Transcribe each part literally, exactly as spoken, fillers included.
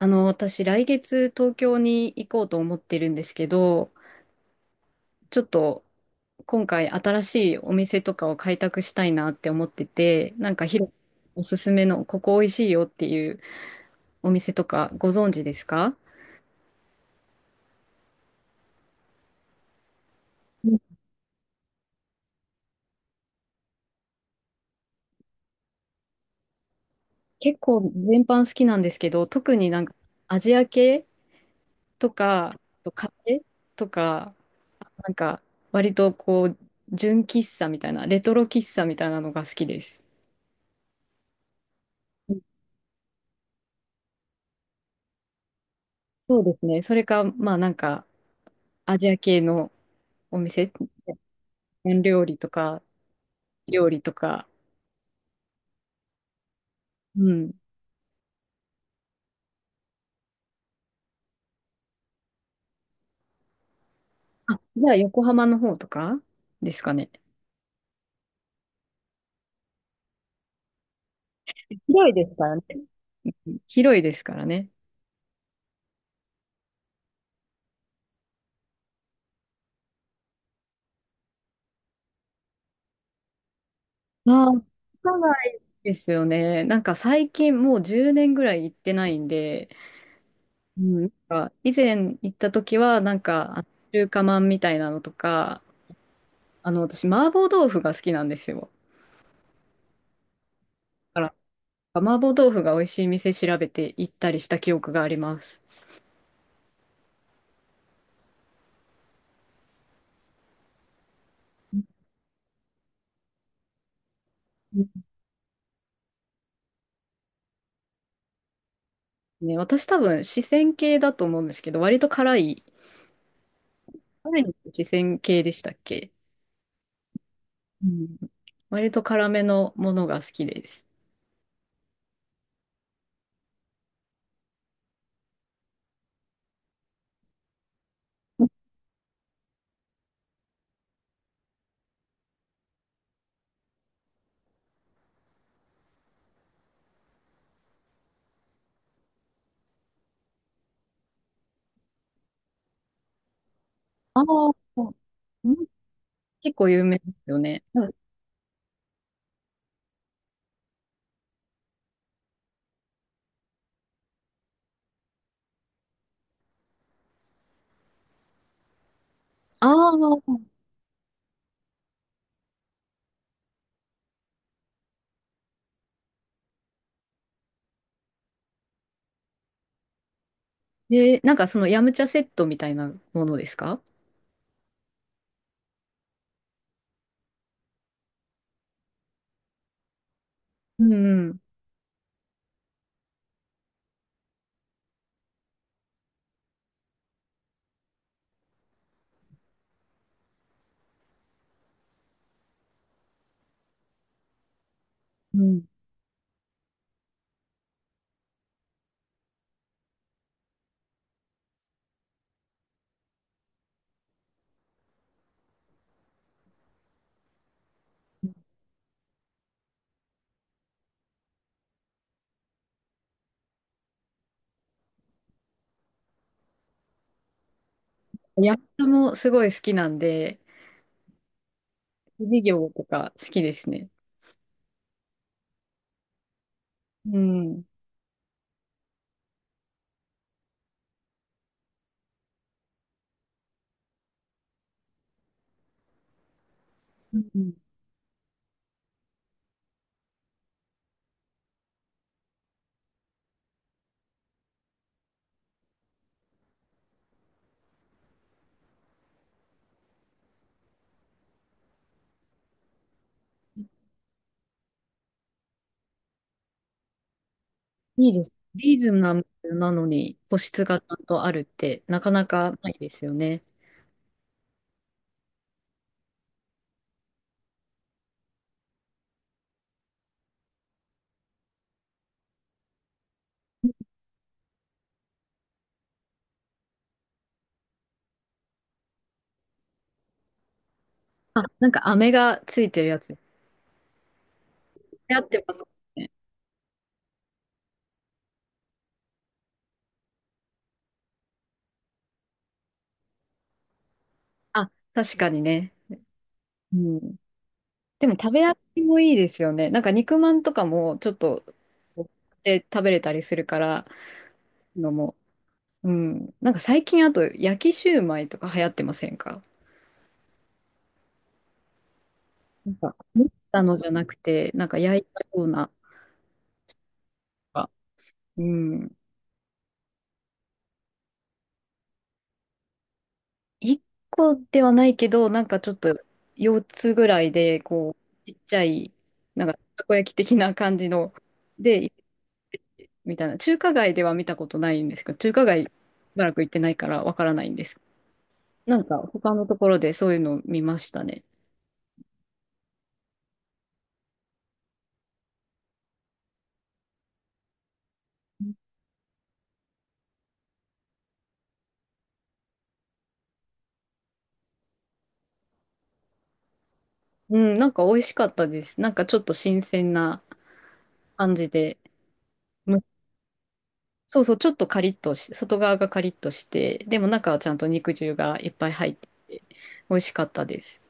あの、私、来月東京に行こうと思ってるんですけど、ちょっと今回新しいお店とかを開拓したいなって思ってて、なんかヒロおすすめのここ美味しいよっていうお店とかご存知ですか？結構全般好きなんですけど、特になんかアジア系とか、あとカフェとか、なんか割とこう、純喫茶みたいな、レトロ喫茶みたいなのが好きです。そうですね。それか、まあなんか、アジア系のお店、料理とか、料理とか。うん。あ、じゃあ横浜の方とかですかね。広いですからね。広いですからね。ああ、都ですよね。なんか最近もうじゅうねんぐらい行ってないんで、うん、なんか以前行った時はなんかあの中華まんみたいなのとか、あの私麻婆豆腐が好きなんですよ。だから麻婆豆腐が美味しい店調べて行ったりした記憶があります。ね、私多分四川系だと思うんですけど、割と辛い辛い。四川系でしたっけ？うん。割と辛めのものが好きです。ああ、うん。結構有名ですよね。うん。ああ、で、なんかそのヤムチャセットみたいなものですか？うん、うん。うん。ヤムチャもすごい好きなんで、授業とか好きですね。うん。うん、いいです。リーズナブルなのに個室がちゃんとあるってなかなかないですよね。あ、なんか飴がついてるやつ。流行ってますね。あ、確かにね。うん。でも食べ歩きもいいですよね。なんか肉まんとかもちょっとで食べれたりするからのも。うん。なんか最近あと焼きシューマイとか流行ってませんか？なんか、持ったのじゃなくて、なんか焼いたような。うん。一個ではないけど、なんかちょっとよっつぐらいで、こう、ちっちゃい、なんかたこ焼き的な感じの、で、いっみたいな、中華街では見たことないんですけど、中華街しばらく行ってないからわからないんです。なんか他のところでそういうのを見ましたね。うん、なんか美味しかったです。なんかちょっと新鮮な感じで、む、そうそう、ちょっとカリッとし、外側がカリッとして、でも中はちゃんと肉汁がいっぱい入ってて、美味しかったです。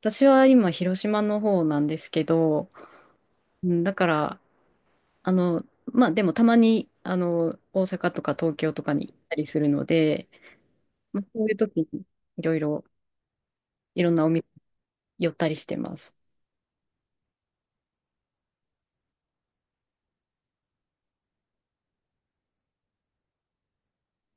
私は今、広島の方なんですけど、うん、だから、あの、まあでもたまに、あの、大阪とか東京とかに行ったりするので、まあ、そういう時にいろいろ、いろんなお店寄ったりしてます。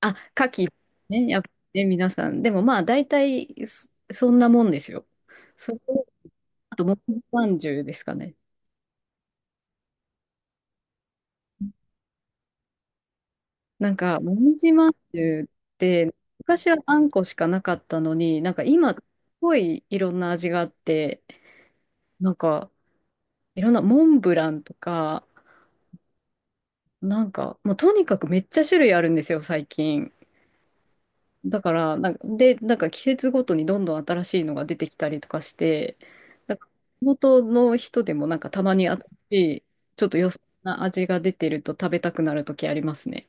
あ、牡蠣、ね、やっぱりね、皆さん。でもまあ、大体そ、そんなもんですよ。そこあと、もみじまんじゅうですかね。なんか、もみじまんじゅうって、昔はあんこしかなかったのに、なんか今、すごいいろんな味があって、なんか、いろんなモンブランとか、なんか、もうとにかくめっちゃ種類あるんですよ、最近。だから、なんか、で、なんか季節ごとにどんどん新しいのが出てきたりとかして、なんか地元の人でもなんかたまに新しい、ちょっと良さな味が出てると食べたくなる時ありますね。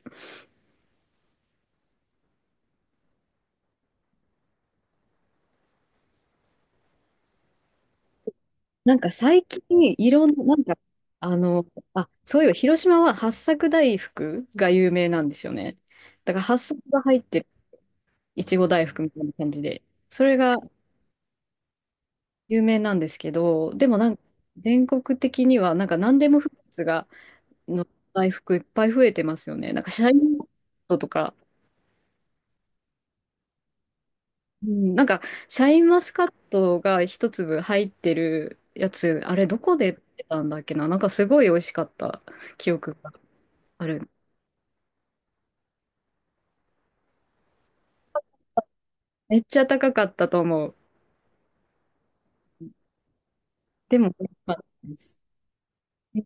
なんか最近いろんな、なんか、あの、あ、そういえば広島は八朔大福が有名なんですよね。だから八朔が入ってるいちご大福みたいな感じで、それが有名なんですけど、でもなんか全国的にはなんか何でもフルーツがの大福いっぱい増えてますよね。なんかシャインマスカットとか、うん、なんかシャインマスカットがひとつぶ入ってるやつ、あれどこで売ってたんだっけな、なんかすごい美味しかった記憶がある。めっちゃ高かったと思う。でも美味しかったです。う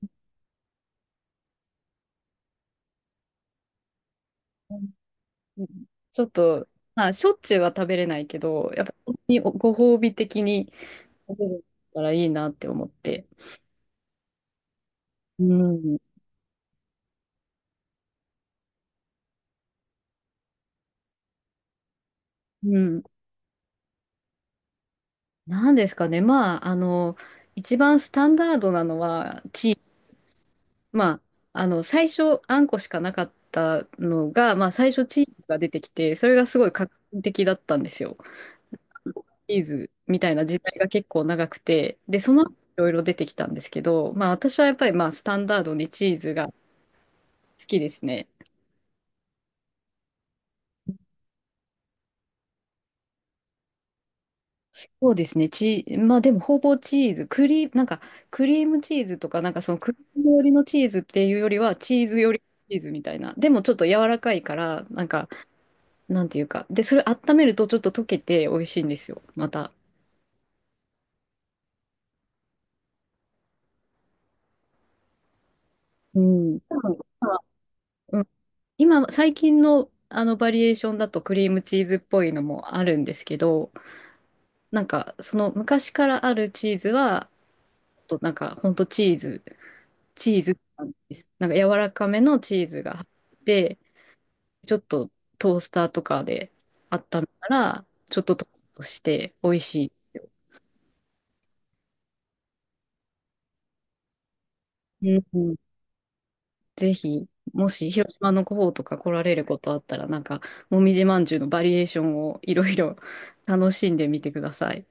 ん、うん、ちょっと、まあ、しょっちゅうは食べれないけど、やっぱ本当にご褒美的に食べれたらいいなって思って。うん。うん。なんですかね。まあ、あの、一番スタンダードなのは、チーズ。まあ、あの、最初、あんこしかなかったのが、まあ、最初チーズが出てきて、それがすごい画期的だったんですよ。チーズみたいな時代が結構長くて、で、その後いろいろ出てきたんですけど、まあ、私はやっぱり、まあ、スタンダードにチーズが好きですね。そうですね。チー、まあでもほぼチーズ、クリー、なんかクリームチーズとか、なんかそのクリーム寄りのチーズっていうよりは、チーズ寄りのチーズみたいな。でもちょっと柔らかいから、なんか、なんていうか。で、それ温めるとちょっと溶けて美味しいんですよ、また。うん。多分うん、今、最近のあのバリエーションだとクリームチーズっぽいのもあるんですけど、なんかその昔からあるチーズは、となんかほんとチーズチーズなんです。なんか柔らかめのチーズが入って、ちょっとトースターとかで温めたら、ちょっとトーストして美味しいですよ。うん、うん、ぜひ、もし広島の方とか来られることあったら、なんか、もみじまんじゅうのバリエーションをいろいろ楽しんでみてください。